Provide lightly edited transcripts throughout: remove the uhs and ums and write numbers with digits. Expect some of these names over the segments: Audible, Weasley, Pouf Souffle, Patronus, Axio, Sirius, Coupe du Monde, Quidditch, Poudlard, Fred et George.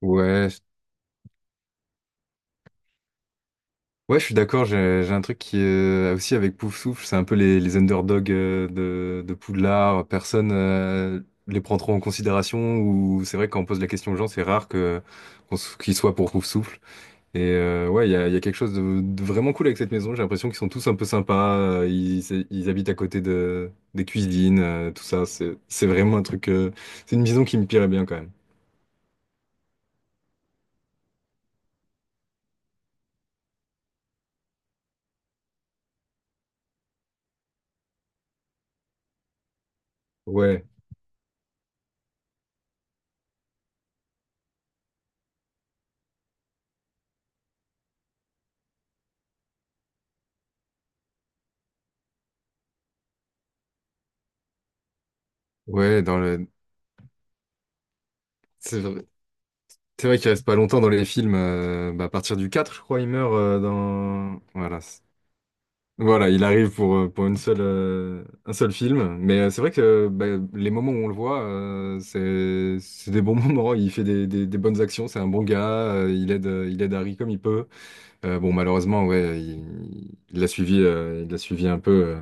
Ouais, ouais, je suis d'accord. J'ai un truc qui aussi avec Pouf Souffle, c'est un peu les underdogs de Poudlard. Personne les prend trop en considération. Ou c'est vrai que quand on pose la question aux gens, c'est rare que qu'ils soient pour Pouf Souffle. Et ouais, il y a quelque chose de vraiment cool avec cette maison. J'ai l'impression qu'ils sont tous un peu sympas. Ils habitent à côté de des cuisines, tout ça. C'est vraiment un truc. C'est une maison qui me plairait bien quand même. Ouais, ouais, dans le. C'est vrai qu'il reste pas longtemps dans les films. Bah, à partir du 4, je crois, il meurt. Voilà. Voilà, il arrive pour un seul film. Mais c'est vrai que, bah, les moments où on le voit, c'est des bons moments. Il fait des bonnes actions, c'est un bon gars. Il aide Harry comme il peut. Bon, malheureusement, ouais, il l'a suivi, il l'a suivi un peu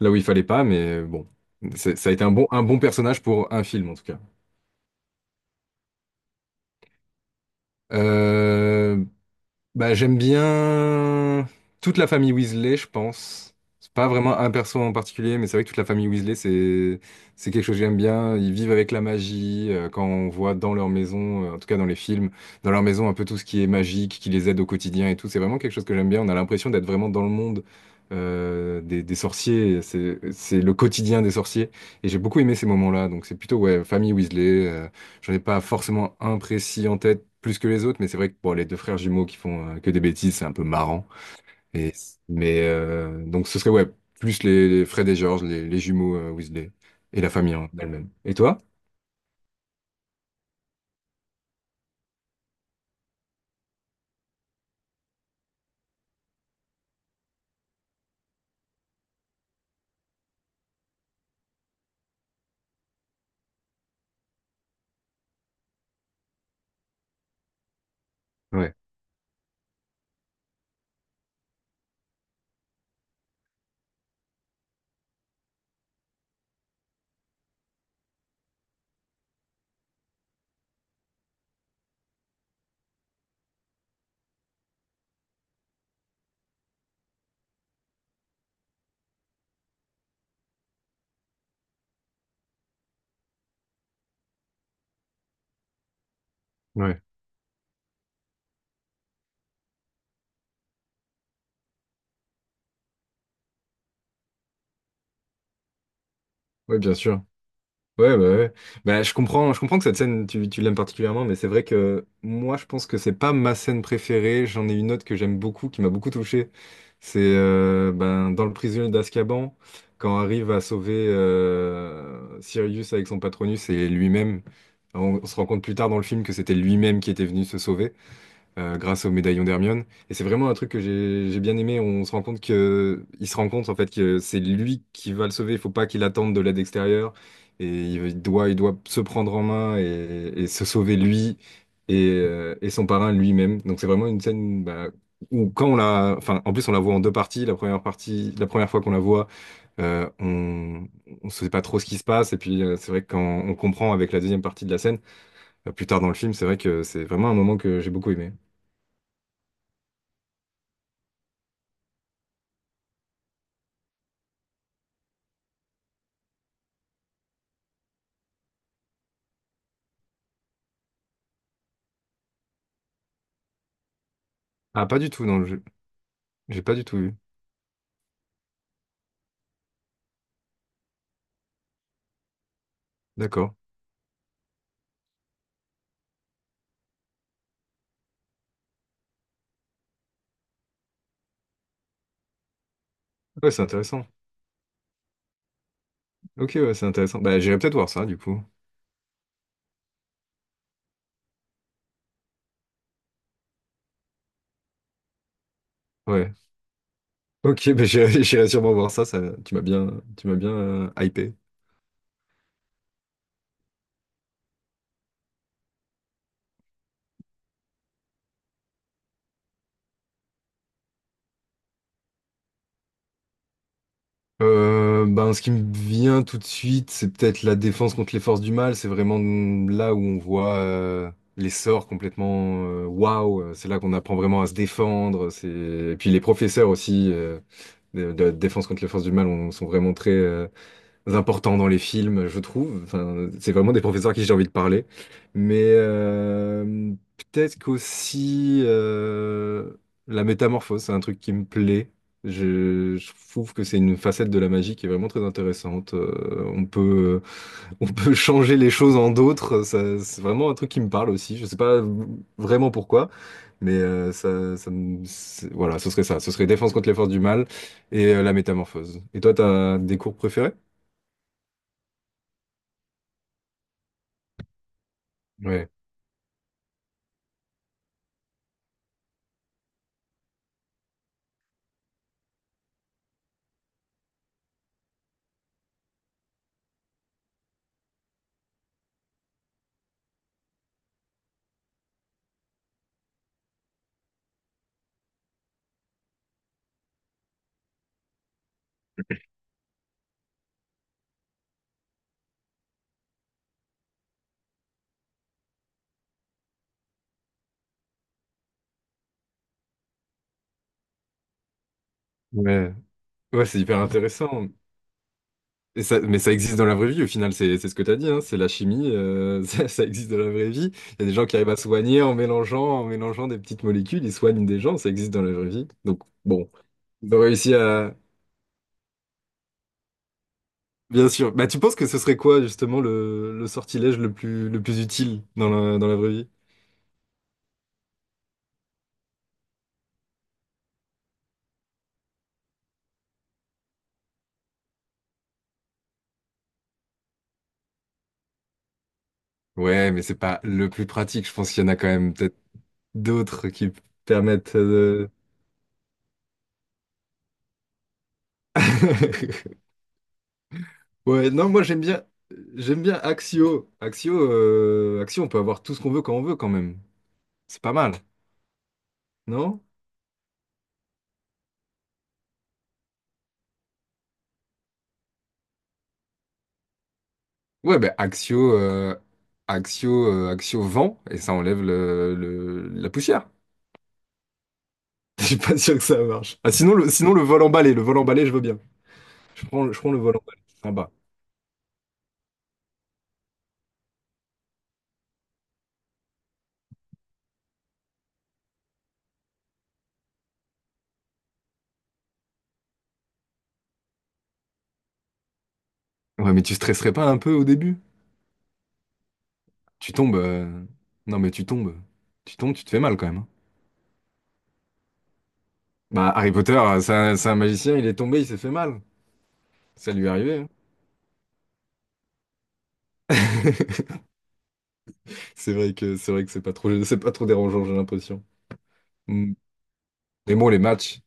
là où il fallait pas. Mais bon, ça a été un bon personnage pour un film, en tout cas. Euh, Bah, j'aime bien toute la famille Weasley, je pense. C'est pas vraiment un perso en particulier, mais c'est vrai que toute la famille Weasley, c'est quelque chose que j'aime bien. Ils vivent avec la magie. Quand on voit dans leur maison, en tout cas dans les films, dans leur maison, un peu tout ce qui est magique, qui les aide au quotidien et tout. C'est vraiment quelque chose que j'aime bien. On a l'impression d'être vraiment dans le monde des sorciers. C'est le quotidien des sorciers. Et j'ai beaucoup aimé ces moments-là. Donc c'est plutôt ouais, famille Weasley. J'en ai pas forcément un précis en tête plus que les autres, mais c'est vrai que bon, les deux frères jumeaux qui font que des bêtises, c'est un peu marrant. Et, mais donc ce serait ouais, plus les Fred et George, les jumeaux Weasley et la famille en elle-même. Et toi? Ouais, ouais, ouais, bien sûr. Ouais. Bah, je comprends que cette scène, tu l'aimes particulièrement, mais c'est vrai que moi, je pense que c'est pas ma scène préférée. J'en ai une autre que j'aime beaucoup, qui m'a beaucoup touché. C'est ben, dans le prisonnier d'Azkaban, quand arrive à sauver Sirius avec son Patronus et lui-même. On se rend compte plus tard dans le film que c'était lui-même qui était venu se sauver grâce au médaillon d'Hermione. Et c'est vraiment un truc que j'ai bien aimé. On se rend compte que il se rend compte en fait que c'est lui qui va le sauver. Il faut pas qu'il attende de l'aide extérieure. Et il doit se prendre en main et se sauver lui et son parrain lui-même. Donc c'est vraiment une scène bah, où quand on la, enfin en plus on la voit en deux parties. La première partie, la première fois qu'on la voit, on ne sait pas trop ce qui se passe. Et puis c'est vrai que quand on comprend avec la deuxième partie de la scène, plus tard dans le film, c'est vrai que c'est vraiment un moment que j'ai beaucoup aimé. Ah, pas du tout, non, j'ai pas du tout vu. D'accord. Ouais, c'est intéressant. Ok, ouais, c'est intéressant. Bah, j'irai peut-être voir ça, du coup. Ouais. Ok, bah, j'irai j'irai sûrement voir ça, ça, tu m'as bien hypé. Ben, ce qui me vient tout de suite, c'est peut-être la défense contre les forces du mal. C'est vraiment là où on voit les sorts complètement waouh. C'est là qu'on apprend vraiment à se défendre. C'est... Et puis les professeurs aussi de la défense contre les forces du mal sont vraiment très, importants dans les films, je trouve. Enfin, c'est vraiment des professeurs à qui j'ai envie de parler. Mais peut-être qu'aussi la métamorphose, c'est un truc qui me plaît. Je trouve que c'est une facette de la magie qui est vraiment très intéressante. On peut changer les choses en d'autres. Ça, c'est vraiment un truc qui me parle aussi. Je sais pas vraiment pourquoi, mais voilà, ce serait ça. Ce serait défense contre les forces du mal et la métamorphose. Et toi, t'as des cours préférés? Ouais. Ouais, ouais, c'est hyper intéressant. Et ça, mais ça existe dans la vraie vie, au final, c'est ce que tu as dit, hein, c'est la chimie, ça existe dans la vraie vie. Il y a des gens qui arrivent à soigner en mélangeant des petites molécules, ils soignent des gens, ça existe dans la vraie vie. Donc, bon, ils ont réussi à... Bien sûr. Bah, tu penses que ce serait quoi, justement, le sortilège le plus utile dans dans la vraie vie? Ouais, mais c'est pas le plus pratique, je pense qu'il y en a quand même peut-être d'autres qui permettent de... Ouais, non, j'aime bien Axio. Axio, Axio, on peut avoir tout ce qu'on veut quand on veut quand même. C'est pas mal, non? Ouais, ben Axio, Axio vent et ça enlève la poussière. Je suis pas sûr que ça marche. Ah, sinon le vol emballé, je veux bien. Je prends le vol emballé, c'est sympa. Ouais, mais tu stresserais pas un peu au début? Tu tombes. Non, mais tu tombes. Tu tombes, tu te fais mal quand même. Hein. Bah Harry Potter, c'est un magicien, il est tombé, il s'est fait mal. Ça lui est arrivé. Hein. C'est vrai que c'est vrai que c'est pas trop dérangeant, j'ai l'impression. Mm. Mais bon,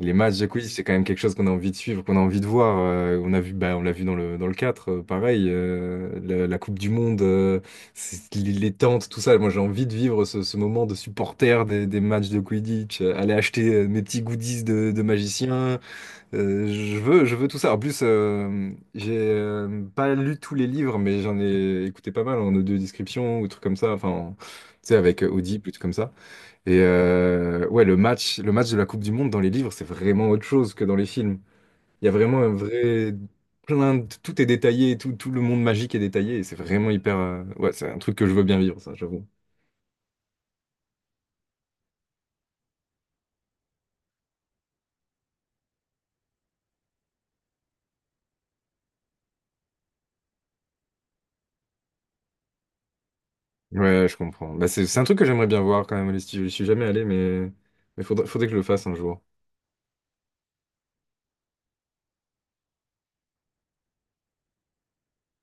les matchs de quiz, c'est quand même quelque chose qu'on a envie de suivre, qu'on a envie de voir. On a vu, bah, on l'a vu dans le 4 pareil, la Coupe du Monde, les tentes, tout ça. Moi, j'ai envie de vivre ce moment de supporter des matchs de Quidditch, aller acheter mes petits goodies de magicien, je veux tout ça. En plus, j'ai pas lu tous les livres, mais j'en ai écouté pas mal en audio description ou trucs comme ça. Enfin, tu sais, avec Audible ou trucs comme ça. Et ouais, le match de la Coupe du Monde dans les livres, c'est vraiment autre chose que dans les films. Il y a vraiment un vrai tout est détaillé, tout, tout le monde magique est détaillé. Et c'est vraiment hyper. Ouais, c'est un truc que je veux bien vivre, ça, j'avoue. Ouais, je comprends. Bah, c'est un truc que j'aimerais bien voir quand même. Je suis jamais allé, mais faudrait que je le fasse un jour.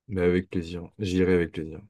Mais avec plaisir. J'irai avec plaisir.